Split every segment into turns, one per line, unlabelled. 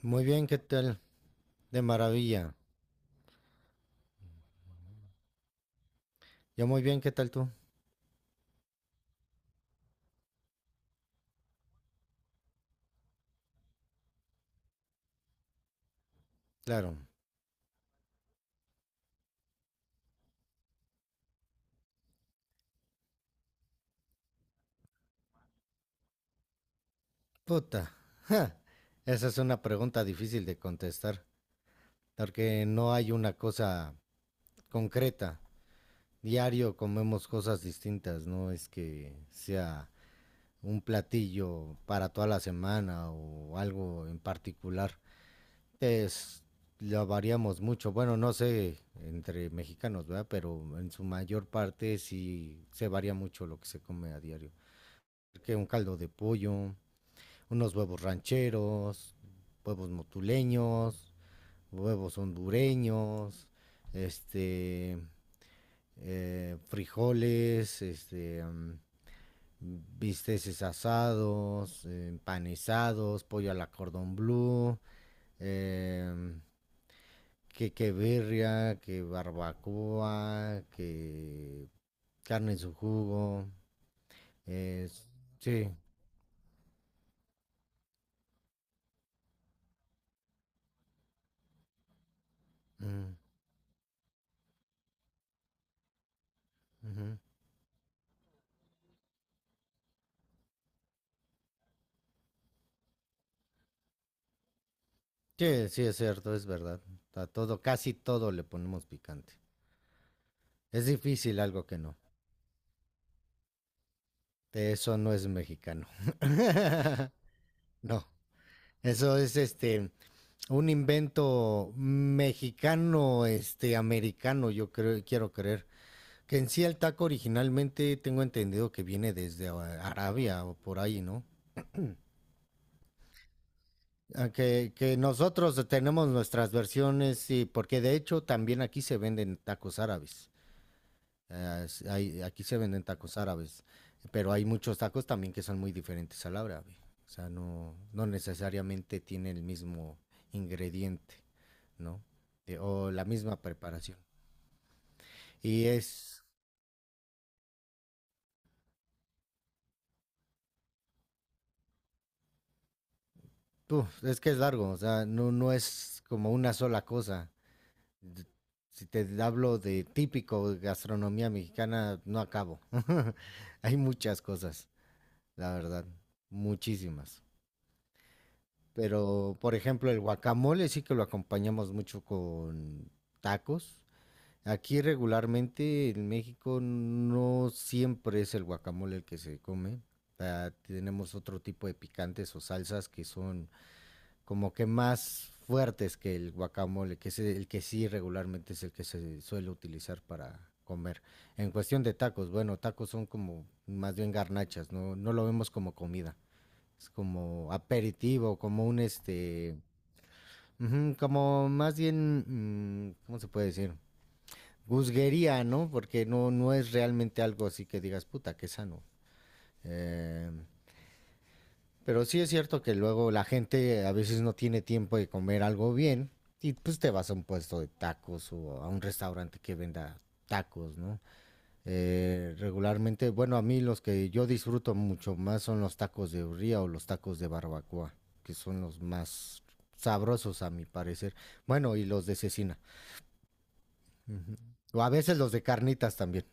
Muy bien, ¿qué tal? De maravilla. Yo muy bien, ¿qué tal tú? Claro. Puta. Ja. Esa es una pregunta difícil de contestar, porque no hay una cosa concreta. Diario comemos cosas distintas, no es que sea un platillo para toda la semana o algo en particular. Es, lo variamos mucho. Bueno, no sé entre mexicanos, ¿verdad? Pero en su mayor parte sí se varía mucho lo que se come a diario. Que un caldo de pollo, unos huevos rancheros, huevos motuleños, huevos hondureños, este, frijoles, bisteces asados, empanizados, pollo a la cordón blue, em, que birria, que barbacoa, que carne en su jugo, eh, sí, mm, ujú. Sí, sí, es cierto, es verdad. A todo, casi todo le ponemos picante. Es difícil algo que no. De eso no es mexicano. No, eso es un invento mexicano, este americano, yo creo, quiero creer. Que en sí el taco originalmente tengo entendido que viene desde Arabia o por ahí, ¿no? Ah, que nosotros tenemos nuestras versiones y porque de hecho también aquí se venden tacos árabes. Aquí se venden tacos árabes, pero hay muchos tacos también que son muy diferentes al árabe. O sea, no, no necesariamente tiene el mismo ingrediente, ¿no? O la misma preparación. Y es, uf, es que es largo, o sea, no, no es como una sola cosa. D- Si te hablo de típico de gastronomía mexicana, no acabo. Hay muchas cosas, la verdad, muchísimas. Pero, por ejemplo, el guacamole sí que lo acompañamos mucho con tacos. Aquí regularmente en México no siempre es el guacamole el que se come. Ah, tenemos otro tipo de picantes o salsas que son como que más fuertes que el guacamole, que es el que sí regularmente es el que se suele utilizar para comer. En cuestión de tacos, bueno, tacos son como más bien garnachas, no, no lo vemos como comida, es como aperitivo, como un este. Ujú, como más bien, mm, ¿cómo se puede decir? Gusguería, ¿no? Porque no, no es realmente algo así que digas, puta, qué sano. Eh, pero sí es cierto que luego la gente a veces no tiene tiempo de comer algo bien y pues te vas a un puesto de tacos o a un restaurante que venda tacos, ¿no? Regularmente, bueno, a mí los que yo disfruto mucho más son los tacos de birria o los tacos de barbacoa, que son los más sabrosos a mi parecer. Bueno, y los de cecina. Ujú. O a veces los de carnitas también.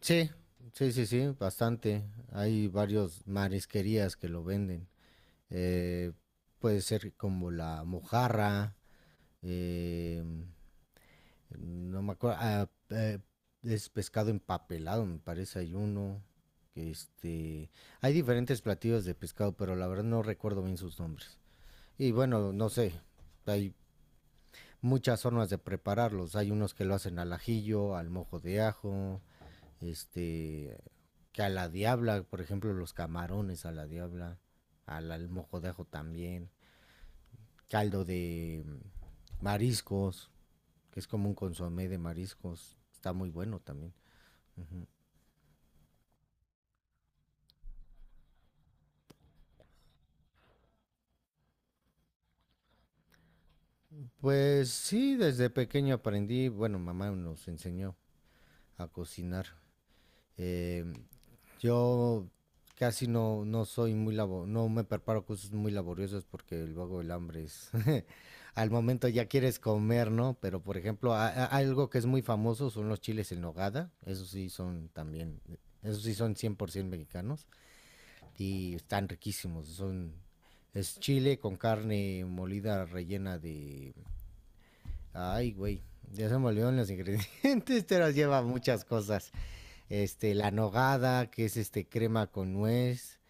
Sí, sí, bastante. Hay varios marisquerías que lo venden. Eh, puede ser como la mojarra, eh, no me acuerdo, es pescado empapelado, me parece, hay uno. Que Este, hay diferentes platillos de pescado, pero la verdad no recuerdo bien sus nombres. Y bueno, no sé, hay muchas formas de prepararlos. Hay unos que lo hacen al ajillo, al mojo de ajo, este, que a la diabla, por ejemplo, los camarones a la diabla, al mojo de ajo también, caldo de mariscos, que es como un consomé de mariscos, está muy bueno también. Ujú. Pues sí, desde pequeño aprendí, bueno, mamá nos enseñó a cocinar. Eh, Yo casi no, no soy muy labo, no me preparo cosas muy laboriosas porque luego el hambre es al momento ya quieres comer, ¿no? Pero por ejemplo, algo que es muy famoso son los chiles en nogada, esos sí son también, esos sí son 100% mexicanos y están riquísimos, son es chile con carne molida rellena de ay, güey, ya se me olvidaron los ingredientes, pero lleva muchas cosas. Este, la nogada, que es este crema con nuez,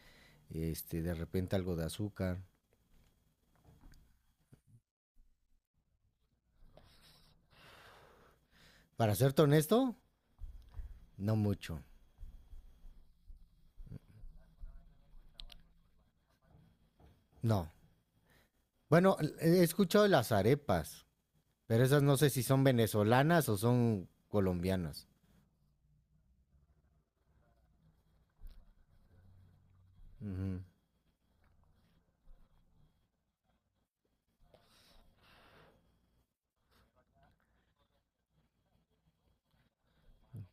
este, de repente algo de azúcar. Para serte honesto, no mucho, no. Bueno, he escuchado de las arepas, pero esas no sé si son venezolanas o son colombianas. Ujú.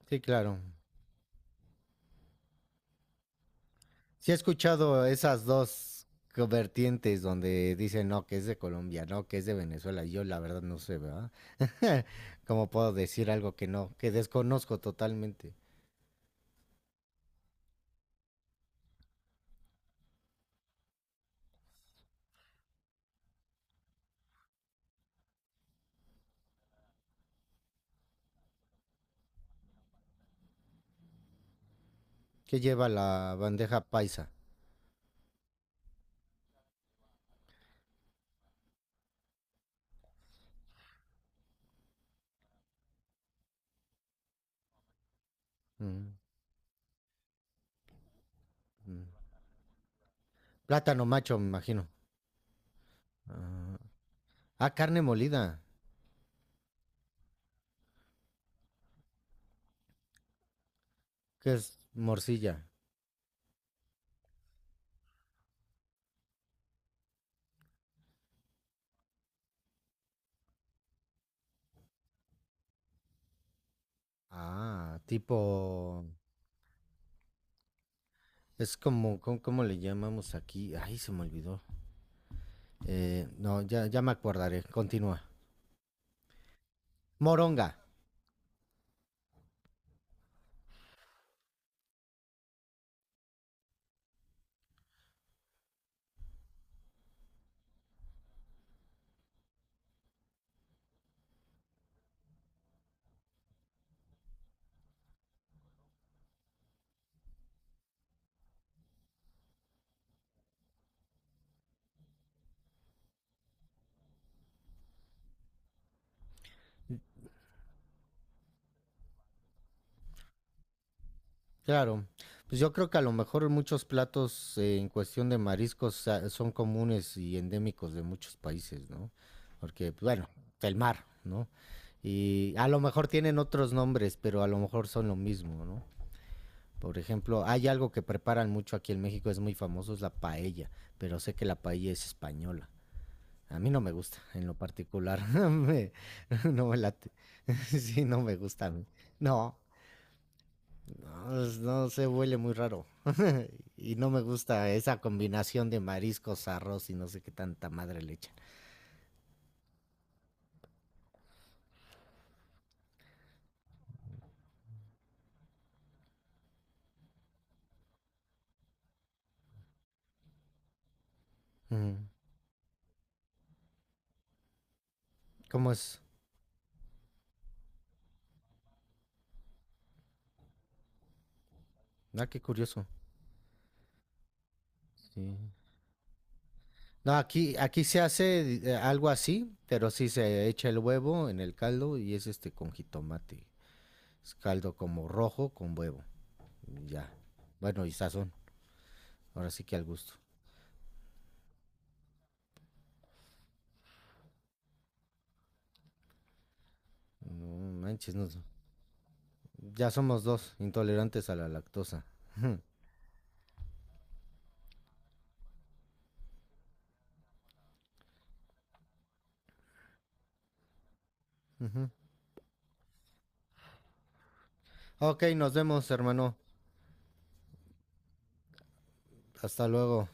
Sí, claro. Sí he escuchado esas dos vertientes donde dicen, no, que es de Colombia, no, que es de Venezuela. Yo la verdad no sé, ¿verdad? ¿Cómo puedo decir algo que no, que desconozco totalmente? ¿Qué lleva la bandeja paisa? Ujú, ujú. Plátano macho, me imagino. Ah, ah, carne molida, que es morcilla. Ah, tipo, es como, ¿cómo, cómo le llamamos aquí? Ay, se me olvidó. No, ya me acordaré, continúa. Moronga, claro. Pues yo creo que a lo mejor muchos platos en cuestión de mariscos son comunes y endémicos de muchos países, ¿no? Porque, pues, bueno, el mar, ¿no? Y a lo mejor tienen otros nombres, pero a lo mejor son lo mismo, ¿no? Por ejemplo, hay algo que preparan mucho aquí en México, es muy famoso, es la paella, pero sé que la paella es española. A mí no me gusta, en lo particular. No me late. Sí, no me gusta a mí. No, no, no se huele muy raro. Y no me gusta esa combinación de mariscos, arroz y no sé qué tanta madre le echan. Ujú. ¿Cómo es? Ah, qué curioso. Sí. No, aquí, aquí se hace algo así, pero sí se echa el huevo en el caldo y es este con jitomate. Es caldo como rojo con huevo. Ya. Bueno, y sazón. Ahora sí que al gusto. No manches, no. Ya somos dos, intolerantes a la lactosa. Ujú. Ok, nos vemos, hermano. Hasta luego.